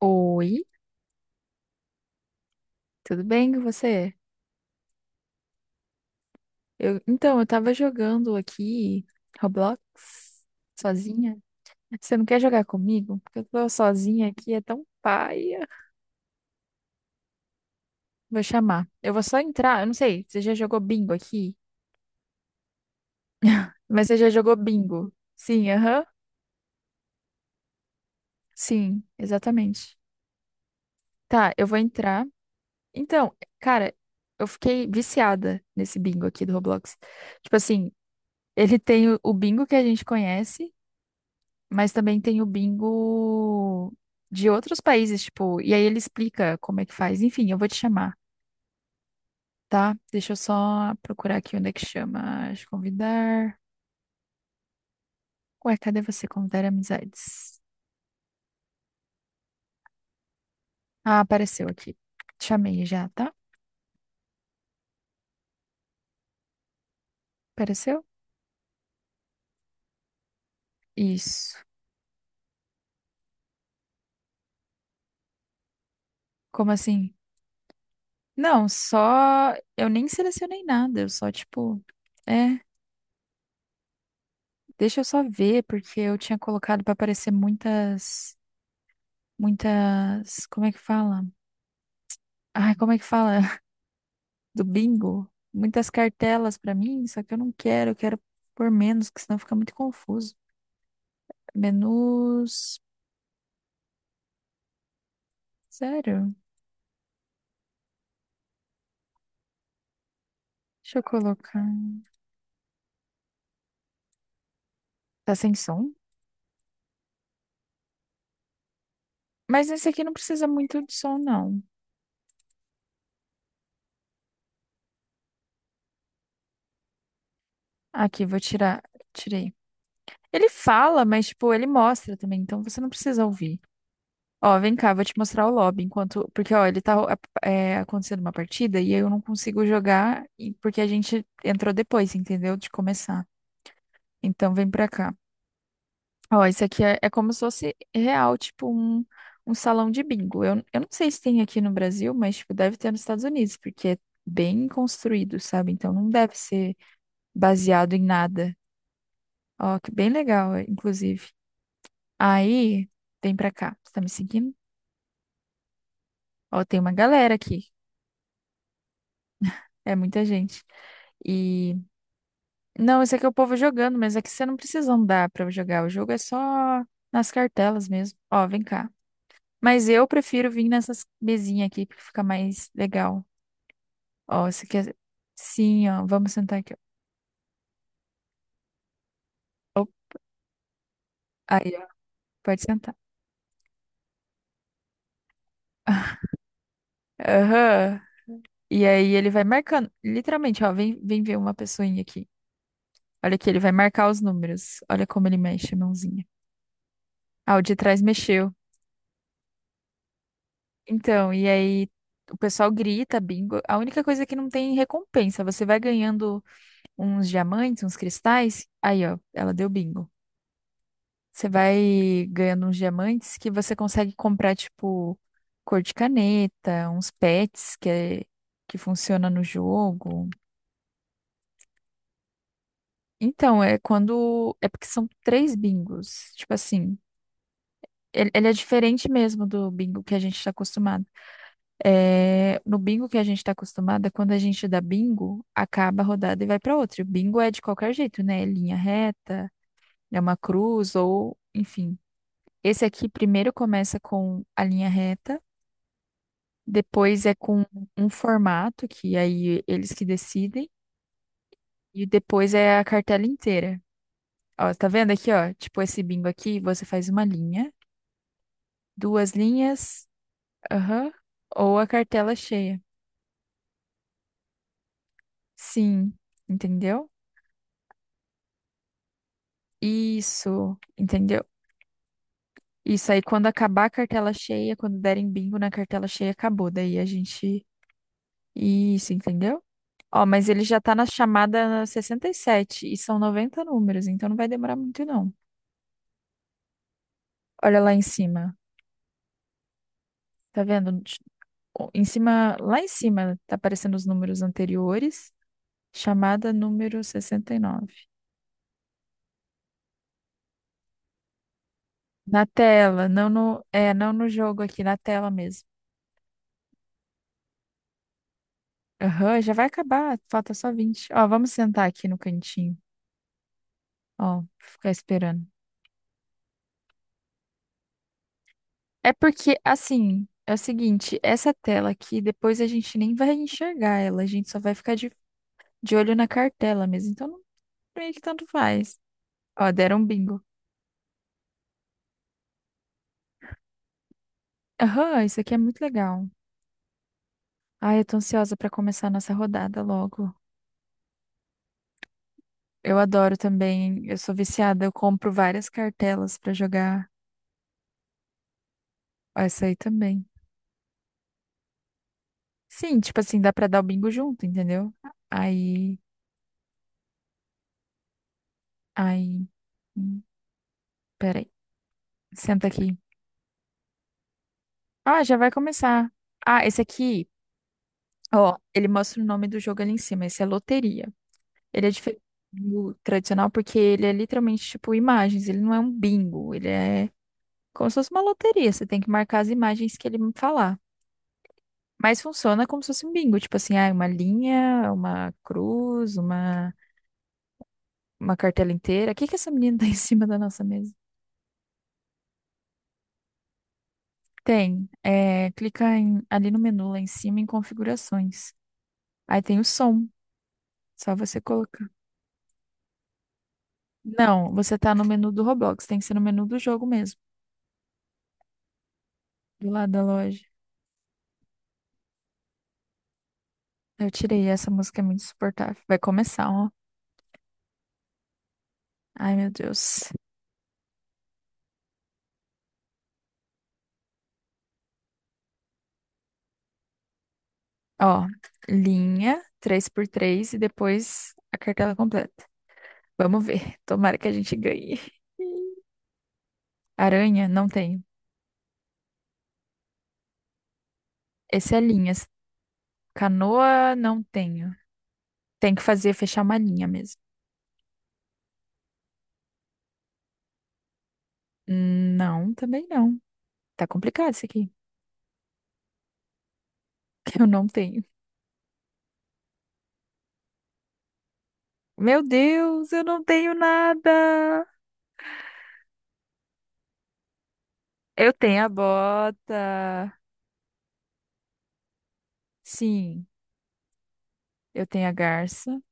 Oi, tudo bem com você? Então, eu tava jogando aqui Roblox sozinha. Você não quer jogar comigo? Porque eu tô sozinha aqui, é tão paia. Vou chamar. Eu vou só entrar, eu não sei, você já jogou bingo aqui? Mas você já jogou bingo? Sim, aham. Sim, exatamente. Tá, eu vou entrar. Então, cara, eu fiquei viciada nesse bingo aqui do Roblox. Tipo assim, ele tem o bingo que a gente conhece. Mas também tem o bingo de outros países, tipo, e aí ele explica como é que faz. Enfim, eu vou te chamar, tá? Deixa eu só procurar aqui onde é que chama. Deixa eu convidar. Ué, cadê você? Convidar amizades. Ah, apareceu aqui. Te chamei já, tá? Apareceu? Isso. Como assim? Não, só. Eu nem selecionei nada, eu só, tipo. É, deixa eu só ver, porque eu tinha colocado pra aparecer muitas. Muitas. Como é que fala? Ai, como é que fala? Do bingo, muitas cartelas pra mim, só que eu não quero, eu quero por menos, que senão fica muito confuso. Menus. Sério? Deixa eu colocar. Tá sem som? Mas esse aqui não precisa muito de som, não. Aqui, vou tirar. Tirei. Ele fala, mas, tipo, ele mostra também, então você não precisa ouvir. Ó, vem cá, vou te mostrar o lobby, enquanto... Porque, ó, ele tá acontecendo uma partida e eu não consigo jogar porque a gente entrou depois, entendeu? De começar. Então, vem pra cá. Ó, isso aqui é como se fosse real, tipo um salão de bingo. Eu não sei se tem aqui no Brasil, mas tipo, deve ter nos Estados Unidos, porque é bem construído, sabe? Então não deve ser baseado em nada. Ó, que bem legal, é, inclusive. Aí, vem pra cá. Você tá me seguindo? Ó, tem uma galera aqui. É muita gente. E. Não, esse aqui é o povo jogando, mas aqui você não precisa andar pra jogar. O jogo é só nas cartelas mesmo. Ó, vem cá. Mas eu prefiro vir nessas mesinhas aqui, porque fica mais legal. Ó, você quer. Sim, ó, vamos sentar aqui. Ó. Aí, ó, pode sentar. Aham. E aí ele vai marcando. Literalmente, ó, vem, vem ver uma pessoinha aqui. Olha aqui, ele vai marcar os números. Olha como ele mexe a mãozinha. Ah, o de trás mexeu. Então, e aí o pessoal grita, bingo. A única coisa é que não tem recompensa. Você vai ganhando uns diamantes, uns cristais. Aí, ó, ela deu bingo. Você vai ganhando uns diamantes que você consegue comprar, tipo, cor de caneta, uns pets que, é, que funciona no jogo. Então, é quando. É porque são três bingos. Tipo assim, ele é diferente mesmo do bingo que a gente está acostumado. É, no bingo que a gente está acostumado, é quando a gente dá bingo, acaba a rodada e vai para outra. E o bingo é de qualquer jeito, né? É linha reta, é uma cruz, ou, enfim. Esse aqui primeiro começa com a linha reta. Depois é com um formato, que aí eles que decidem. E depois é a cartela inteira. Ó, tá vendo aqui, ó? Tipo esse bingo aqui, você faz uma linha, duas linhas, aham, ou a cartela cheia. Sim, entendeu? Isso, entendeu? Isso aí, quando acabar a cartela cheia, quando derem bingo na cartela cheia, acabou. Daí a gente. Isso, entendeu? Ó, mas ele já tá na chamada 67 e são 90 números, então não vai demorar muito, não. Olha lá em cima. Tá vendo? Em cima, lá em cima, tá aparecendo os números anteriores. Chamada número 69. Na tela, não no, não no jogo aqui, na tela mesmo. Aham, já vai acabar, falta só 20. Ó, vamos sentar aqui no cantinho. Ó, ficar esperando. É porque, assim, é o seguinte, essa tela aqui, depois a gente nem vai enxergar ela, a gente só vai ficar de olho na cartela mesmo. Então, não, meio que tanto faz. Ó, deram um bingo. Aham, isso aqui é muito legal. Ai, eu tô ansiosa pra começar a nossa rodada logo. Eu adoro também, eu sou viciada, eu compro várias cartelas pra jogar essa aí também. Sim, tipo assim, dá pra dar o bingo junto, entendeu? Aí, aí, hum, peraí, senta aqui. Ah, já vai começar. Ah, esse aqui, ó, ele mostra o nome do jogo ali em cima, esse é loteria. Ele é diferente do tradicional porque ele é literalmente tipo imagens, ele não é um bingo, ele é como se fosse uma loteria, você tem que marcar as imagens que ele falar. Mas funciona como se fosse um bingo, tipo assim, ah, uma linha, uma cruz, uma cartela inteira. O que que essa menina tá em cima da nossa mesa? Tem, é, clica ali no menu lá em cima em configurações. Aí tem o som, só você colocar. Não, você tá no menu do Roblox, tem que ser no menu do jogo mesmo, do lado da loja. Eu tirei, essa música é muito insuportável. Vai começar, ó. Ai, meu Deus. Ó, linha, três por três e depois a cartela completa. Vamos ver. Tomara que a gente ganhe. Aranha, não tenho. Esse é linhas. Canoa, não tenho. Tem que fazer, fechar uma linha mesmo. Não, também não. Tá complicado isso aqui. Eu não tenho. Meu Deus, eu não tenho nada. Eu tenho a bota. Sim, eu tenho a garça.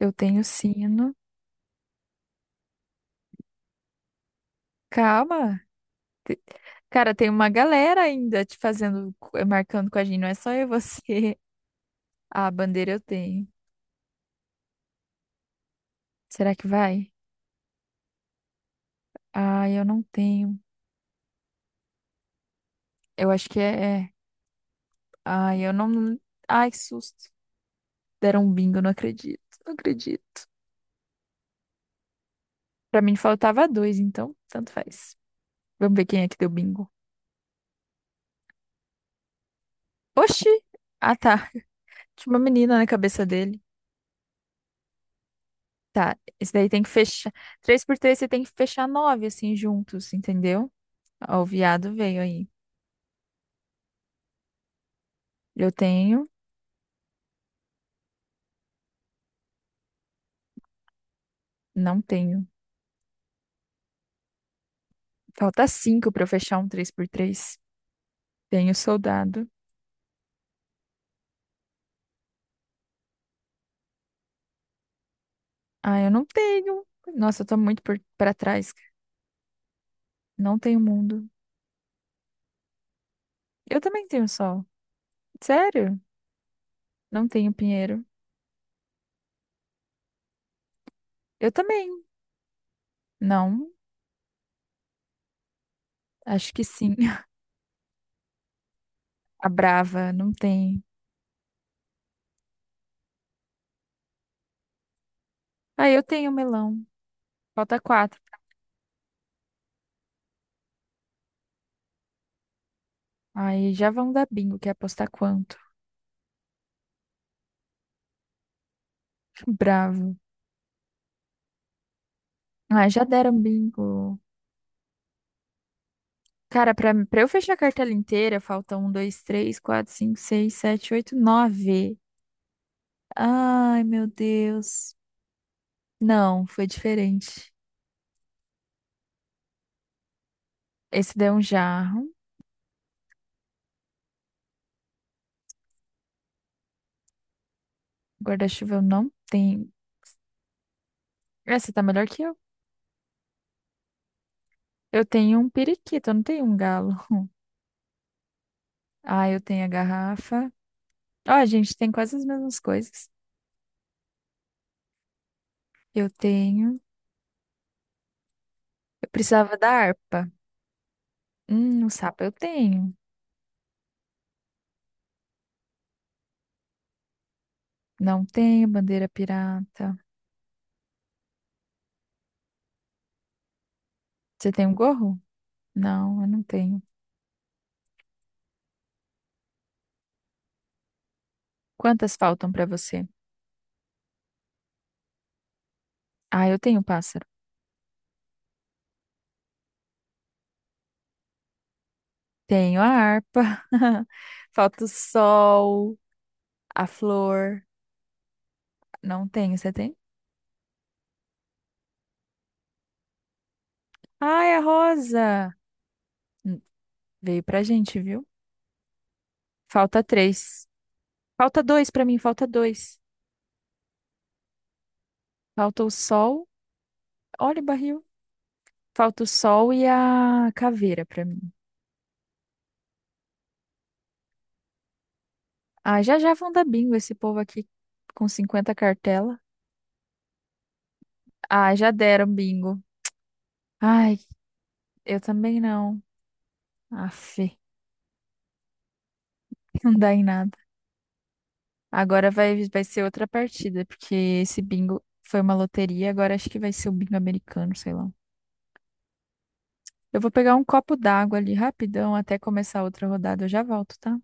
Eu tenho o sino. Calma. Te- Cara, tem uma galera ainda te fazendo, marcando com a gente. Não é só eu e você. A bandeira eu tenho. Será que vai? Ai, eu não tenho. Eu acho que é. Ai, eu não. Ai, que susto. Deram um bingo, não acredito. Não acredito. Pra mim faltava dois, então tanto faz. Vamos ver quem é que deu bingo. Oxi! Ah, tá. Tinha uma menina na cabeça dele. Tá, esse daí tem que fechar. Três por três, você tem que fechar nove, assim, juntos, entendeu? Ó, o viado veio aí. Eu tenho, não tenho. Falta cinco pra eu fechar um três por três. Tenho soldado. Ah, eu não tenho. Nossa, eu tô muito pra trás. Não tenho mundo. Eu também tenho sol. Sério? Não tenho pinheiro. Eu também. Não, acho que sim. A Brava, não tem. Ah, eu tenho melão. Falta quatro. Aí já vão dar bingo, quer apostar quanto? Bravo. Ah, já deram bingo. Cara, pra eu fechar a cartela inteira, falta um, dois, três, quatro, cinco, seis, sete, oito, nove. Ai, meu Deus. Não, foi diferente. Esse deu um jarro. Guarda-chuva eu não tenho. Essa tá melhor que eu. Eu tenho um periquito, eu não tenho um galo. Ah, eu tenho a garrafa. Ó, a gente tem quase as mesmas coisas. Eu tenho. Eu precisava da harpa. O sapo eu tenho. Não tenho bandeira pirata. Você tem um gorro? Não, eu não tenho. Quantas faltam pra você? Ah, eu tenho um pássaro. Tenho a harpa. Falta o sol, a flor. Não tenho. Você tem? Ai, a rosa. Hum, Veio pra gente, viu? Falta três. Falta dois pra mim, falta dois. Falta o sol. Olha o barril. Falta o sol e a caveira pra mim. Ah, já já vão dar bingo esse povo aqui com 50 cartela. Ah, já deram bingo. Ai, eu também não. Aff, não dá em nada. Agora vai, vai ser outra partida, porque esse bingo foi uma loteria, agora acho que vai ser o bingo americano, sei lá. Eu vou pegar um copo d'água ali rapidão até começar outra rodada. Eu já volto, tá?